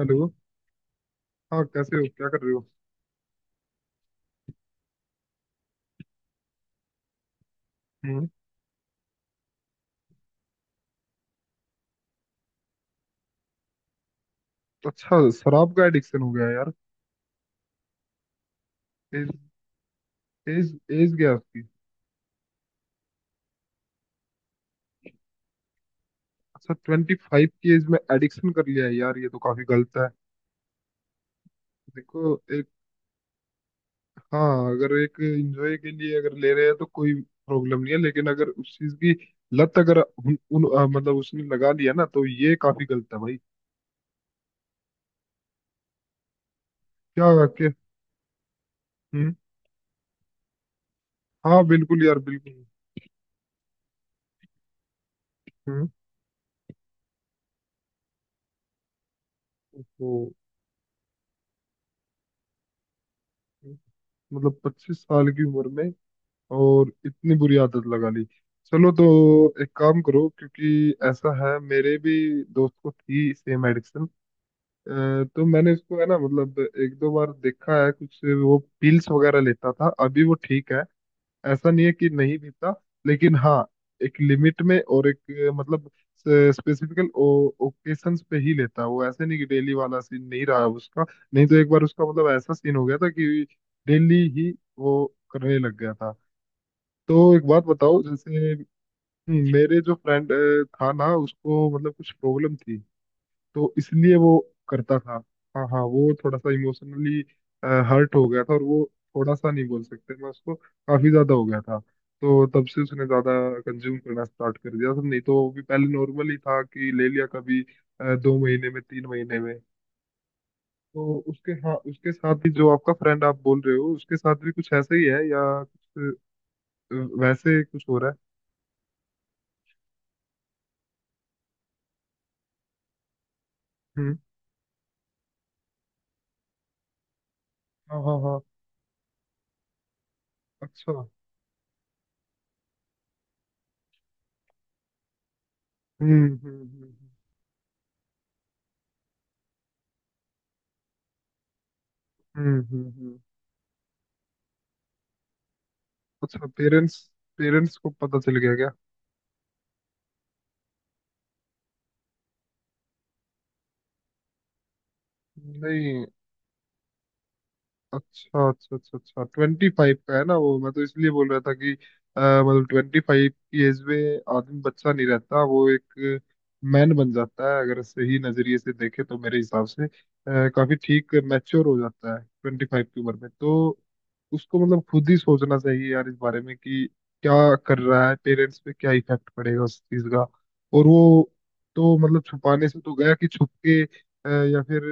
Hello. हाँ, कैसे हो? क्या कर रहे हो? हम्म। अच्छा, शराब का एडिक्शन हो गया है यार। एज एज एज गया उसकी? अच्छा, 25 की एज में एडिक्शन कर लिया है यार? ये तो काफी गलत है। देखो, एक... हाँ, अगर एक एंजॉय के लिए अगर ले रहे हैं तो कोई प्रॉब्लम नहीं है, लेकिन अगर उस चीज की लत, अगर उन, उन अ, मतलब उसने लगा लिया ना, तो ये काफी गलत है भाई। क्या? के? हम्म। हाँ बिल्कुल यार, बिल्कुल। हम्म। तो मतलब 25 साल की उम्र में और इतनी बुरी आदत लगा ली। चलो तो एक काम करो, क्योंकि ऐसा है, मेरे भी दोस्त को थी सेम एडिक्शन। तो मैंने उसको, है ना, मतलब एक दो बार देखा है, कुछ वो पिल्स वगैरह लेता था, अभी वो ठीक है। ऐसा नहीं है कि नहीं पीता, लेकिन हाँ, एक लिमिट में और एक मतलब स्पेसिफिकल ओकेशंस पे ही लेता है वो। ऐसे नहीं कि डेली वाला सीन नहीं रहा उसका। नहीं तो एक बार उसका मतलब ऐसा सीन हो गया था कि डेली ही वो करने लग गया था। तो एक बात बताओ, जैसे मेरे जो फ्रेंड था ना, उसको मतलब कुछ प्रॉब्लम थी, तो इसलिए वो करता था। हाँ हाँ, वो थोड़ा सा इमोशनली हर्ट हो गया था और वो थोड़ा सा नहीं, बोल सकते मैं, उसको काफी ज्यादा हो गया था। तो तब से उसने ज्यादा कंज्यूम करना स्टार्ट कर दिया था। नहीं तो वो भी पहले नॉर्मल ही था, कि ले लिया कभी 2 महीने में, 3 महीने में। तो उसके, हाँ, उसके साथ ही जो आपका फ्रेंड आप बोल रहे हो, उसके साथ भी कुछ ऐसा ही है, या कुछ अ, वैसे कुछ हो रहा है? हम्म हाँ हाँ हाँ। अच्छा। हम्म हम्म हम्म हम्म हम्म, हम्म, हम्म। अच्छा, पेरेंट्स पेरेंट्स को पता चल गया क्या? नहीं। अच्छा अच्छा अच्छा, अच्छा 25 का है ना वो? मैं तो इसलिए बोल रहा था कि मतलब 25 की एज में आदमी बच्चा नहीं रहता, वो एक मैन बन जाता है। अगर सही नजरिए से देखे तो मेरे हिसाब से काफी ठीक मैच्योर हो जाता है 25 की उम्र में। तो उसको मतलब खुद ही सोचना चाहिए यार इस बारे में कि क्या कर रहा है, पेरेंट्स पे क्या इफेक्ट पड़ेगा उस चीज का। और वो, तो मतलब छुपाने से तो गया, कि छुप के या फिर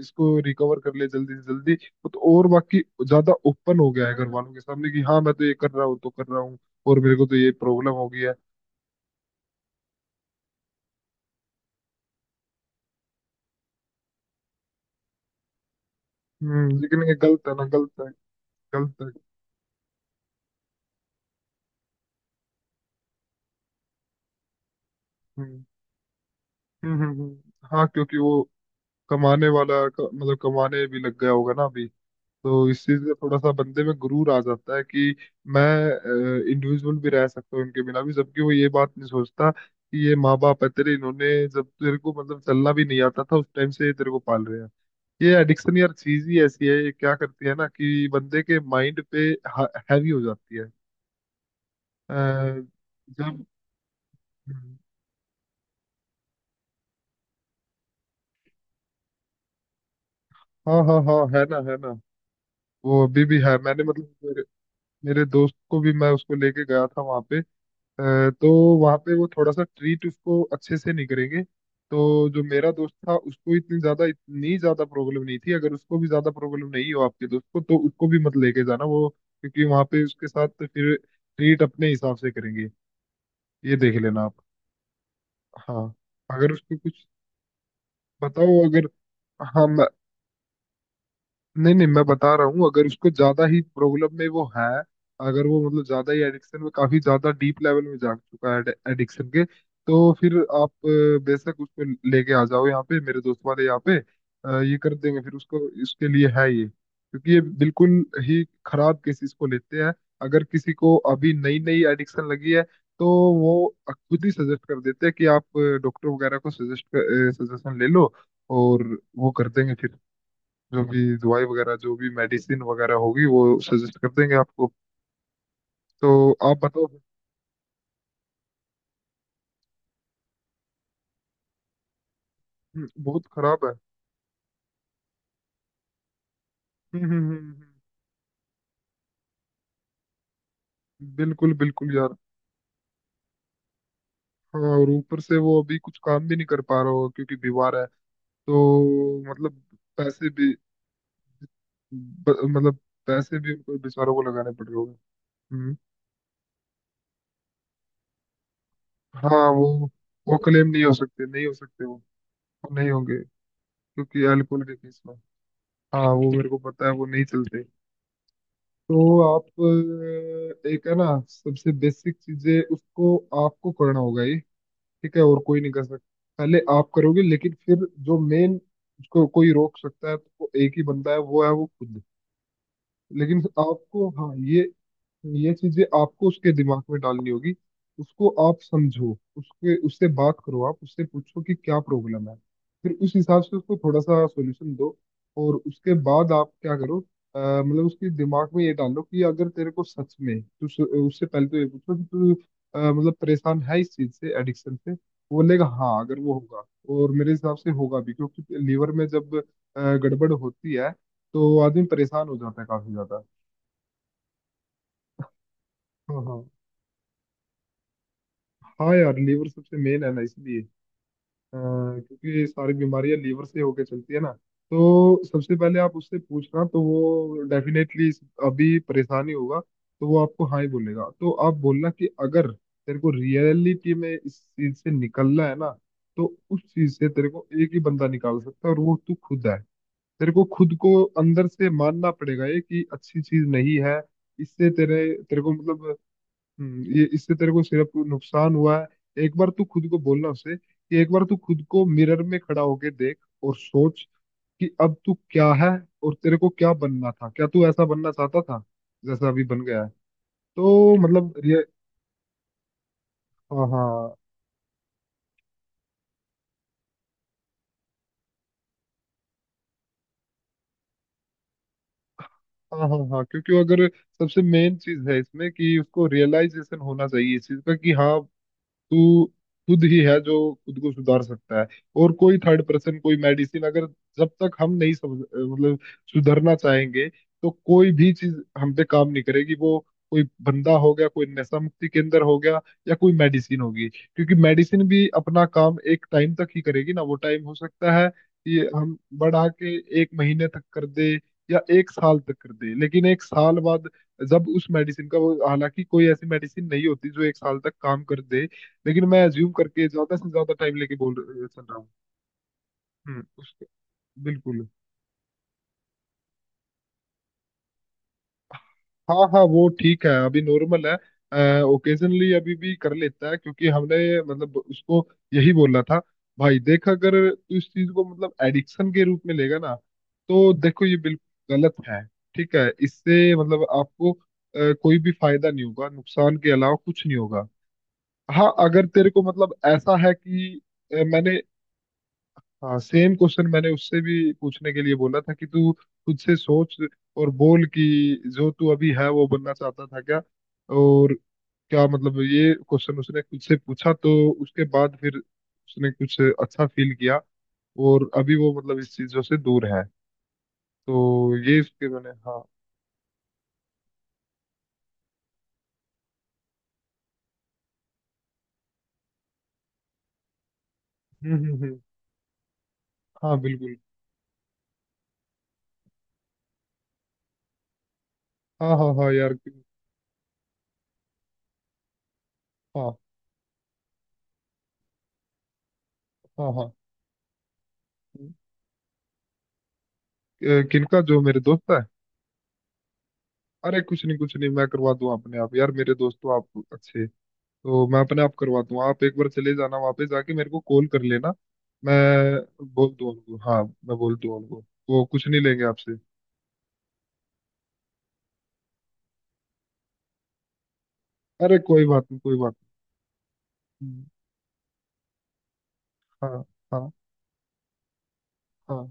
इसको रिकवर कर ले जल्दी से जल्दी। वो तो और बाकी ज्यादा ओपन हो गया है घर वालों के सामने कि हाँ मैं तो ये कर रहा हूँ तो कर रहा हूँ, और मेरे को तो ये प्रॉब्लम हो गई है। हम्म, लेकिन ये गलत है ना, गलत है, गलत है। हम्म हाँ, क्योंकि वो कमाने वाला मतलब कमाने भी लग गया होगा ना अभी। तो इस चीज में थोड़ा सा बंदे में गुरूर आ जाता है कि मैं इंडिविजुअल भी रह सकता हूँ इनके बिना भी, जबकि वो ये बात नहीं सोचता कि ये माँ बाप है तेरे, इन्होंने जब तेरे को मतलब चलना भी नहीं आता था उस टाइम से ये तेरे को पाल रहे हैं। ये एडिक्शन यार, चीज ही ऐसी है, ये क्या करती है ना कि बंदे के माइंड पे हैवी हो जाती है। अ, जब हाँ हाँ हाँ, है ना, है ना। वो अभी भी है। मैंने मतलब मेरे दोस्त को भी मैं उसको लेके गया था वहां पे। तो वहाँ पे वो थोड़ा सा ट्रीट उसको अच्छे से नहीं करेंगे। तो जो मेरा दोस्त था उसको इतनी ज्यादा प्रॉब्लम नहीं थी, अगर उसको भी ज्यादा प्रॉब्लम नहीं हो आपके दोस्त को, तो उसको भी मत लेके जाना वो, क्योंकि वहाँ पे उसके साथ फिर ट्रीट अपने हिसाब से करेंगे, ये देख लेना आप। हाँ, अगर उसको कुछ बताओ, अगर... हाँ, नहीं नहीं, मैं बता रहा हूँ, अगर उसको ज्यादा ही प्रॉब्लम में वो है, अगर वो मतलब ज्यादा ही एडिक्शन में, काफी ज्यादा डीप लेवल में जा चुका है एडिक्शन के, तो फिर आप बेशक उसको लेके आ जाओ यहाँ पे, मेरे दोस्त वाले यहाँ पे ये कर देंगे फिर उसको। इसके लिए है ये, क्योंकि ये बिल्कुल ही खराब केसेस को लेते हैं। अगर किसी को अभी नई नई एडिक्शन लगी है, तो वो खुद ही सजेस्ट कर देते हैं कि आप डॉक्टर वगैरह को सजेस्ट सजेशन ले लो, और वो कर देंगे फिर, जो भी दवाई वगैरह, जो भी मेडिसिन वगैरह होगी वो सजेस्ट कर देंगे आपको। तो आप बताओ। बहुत खराब है। हम्म हम्म हम्म, बिल्कुल बिल्कुल यार। हाँ, और ऊपर से वो अभी कुछ काम भी नहीं कर पा रहा होगा क्योंकि बीमार है, तो मतलब पैसे भी, मतलब पैसे भी उनको बेचारों को लगाने पड़ रहे होंगे। हम्म। हाँ, वो क्लेम नहीं हो सकते, नहीं हो सकते वो नहीं होंगे, क्योंकि अल्कोहल के केस में हाँ, वो मेरे को पता है, वो नहीं चलते। तो आप एक है ना सबसे बेसिक चीजें, उसको आपको करना होगा ये, ठीक है, और कोई नहीं कर सकता। पहले आप करोगे, लेकिन फिर जो मेन, उसको कोई रोक सकता है तो वो एक ही बंदा है, वो है वो खुद। लेकिन आपको, हाँ, ये चीजें आपको उसके दिमाग में डालनी होगी। उसको आप समझो, उसके, उससे बात करो, आप उससे पूछो कि क्या प्रॉब्लम है, फिर उस हिसाब से उसको थोड़ा सा सॉल्यूशन दो, और उसके बाद आप क्या करो अ, मतलब उसके दिमाग में ये डालो कि अगर तेरे को सच में तू उससे पहले तो ये पूछो कि तू मतलब परेशान है इस चीज से, एडिक्शन से। वो बोलेगा हाँ, अगर वो होगा, और मेरे हिसाब से होगा भी, क्योंकि लीवर में जब गड़बड़ होती है तो आदमी परेशान हो जाता है काफी ज्यादा। हाँ हाँ, हाँ यार लीवर सबसे मेन है ना, इसलिए क्योंकि सारी बीमारियां लीवर से होके चलती है ना। तो सबसे पहले आप उससे पूछना, तो वो डेफिनेटली अभी परेशानी होगा तो वो आपको हाँ ही बोलेगा। तो आप बोलना कि अगर तेरे को रियलिटी में इस चीज से निकलना है ना, तो उस चीज से तेरे को एक ही बंदा निकाल सकता है, और वो तू खुद है। तेरे को खुद को अंदर से मानना पड़ेगा ये कि अच्छी चीज नहीं है, इससे तेरे, तेरे को मतलब, ये, इससे तेरे को सिर्फ नुकसान हुआ है। एक बार तू खुद को बोलना उसे कि एक बार तू खुद को मिरर में खड़ा होके देख, और सोच कि अब तू क्या है, और तेरे को क्या बनना था, क्या तू ऐसा बनना चाहता था जैसा अभी बन गया है। तो मतलब ये, हाँ हाँ हाँ, हाँ हाँ, क्योंकि अगर सबसे मेन चीज है इसमें कि उसको रियलाइजेशन होना चाहिए इस चीज का कि हाँ, तू खुद ही है जो खुद को सुधार सकता है। और कोई थर्ड पर्सन, कोई मेडिसिन, अगर जब तक हम नहीं समझ, मतलब सुधरना चाहेंगे, तो कोई भी चीज हम पे काम नहीं करेगी वो, कोई बंदा हो गया, कोई नशा मुक्ति केंद्र हो गया, या कोई मेडिसिन होगी, क्योंकि मेडिसिन भी अपना काम एक टाइम तक ही करेगी ना। वो टाइम हो सकता है कि हम बढ़ा के 1 महीने तक कर दे, या 1 साल तक कर दे, लेकिन 1 साल बाद जब उस मेडिसिन का वो, हालांकि कोई ऐसी मेडिसिन नहीं होती जो 1 साल तक काम कर दे, लेकिन मैं अज्यूम करके ज्यादा से ज्यादा टाइम लेके बोल चल रहा हूँ। हम्म, उसके, बिल्कुल। हाँ हाँ, वो ठीक है अभी, नॉर्मल है। ओकेजनली अभी भी कर लेता है, क्योंकि हमने मतलब उसको यही बोला था, भाई देख, अगर तू इस चीज को मतलब एडिक्शन के रूप में लेगा ना, तो देखो ये बिल्कुल गलत है, ठीक है, इससे मतलब आपको कोई भी फायदा नहीं होगा, नुकसान के अलावा कुछ नहीं होगा। हाँ, अगर तेरे को मतलब ऐसा है कि मैंने, हाँ, सेम क्वेश्चन मैंने उससे भी पूछने के लिए बोला था कि तू खुद से सोच, और बोल कि जो तू अभी है वो बनना चाहता था क्या, और क्या मतलब ये क्वेश्चन उसने खुद से पूछा तो उसके बाद फिर उसने कुछ अच्छा फील किया, और अभी वो मतलब इस चीजों से दूर है। तो ये इसके, मैंने हाँ। हम्म हम्म हम्म हाँ बिल्कुल। हाँ हाँ हाँ यार कि- हाँ हाँ हाँ। किनका, जो मेरे दोस्त है? अरे कुछ नहीं, कुछ नहीं, मैं करवा दूं अपने आप यार, मेरे दोस्त तो आप अच्छे हैं। तो मैं अपने आप करवाता हूँ, आप एक बार चले जाना, वापस जाके मेरे को कॉल कर लेना, मैं बोल दूँ उनको, हाँ मैं बोल दूँ उनको, वो कुछ नहीं लेंगे आपसे। अरे कोई बात नहीं, कोई बात नहीं। हाँ हाँ हाँ,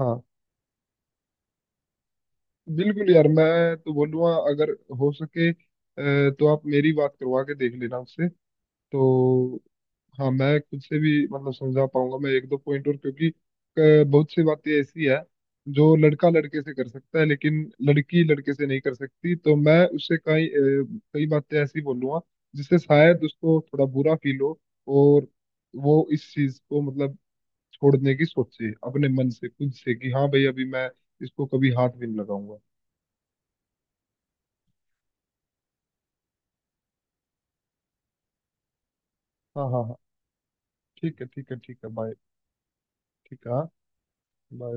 हाँ बिल्कुल यार, मैं तो बोलूँगा, अगर हो सके तो आप मेरी बात करवा के देख लेना उससे। तो हाँ, मैं खुद से भी मतलब समझा पाऊंगा, मैं एक दो पॉइंट और, क्योंकि बहुत सी बातें ऐसी है जो लड़का लड़के से कर सकता है लेकिन लड़की लड़के से नहीं कर सकती। तो मैं उससे कई कई बातें ऐसी बोलूंगा जिससे शायद उसको थोड़ा बुरा फील हो, और वो इस चीज को मतलब छोड़ने की सोचे अपने मन से, खुद से, कि हाँ भाई अभी मैं इसको कभी हाथ भी नहीं लगाऊंगा। हाँ हाँ हाँ, ठीक है, ठीक है, ठीक है, बाय। ठीक है, हाँ, bye।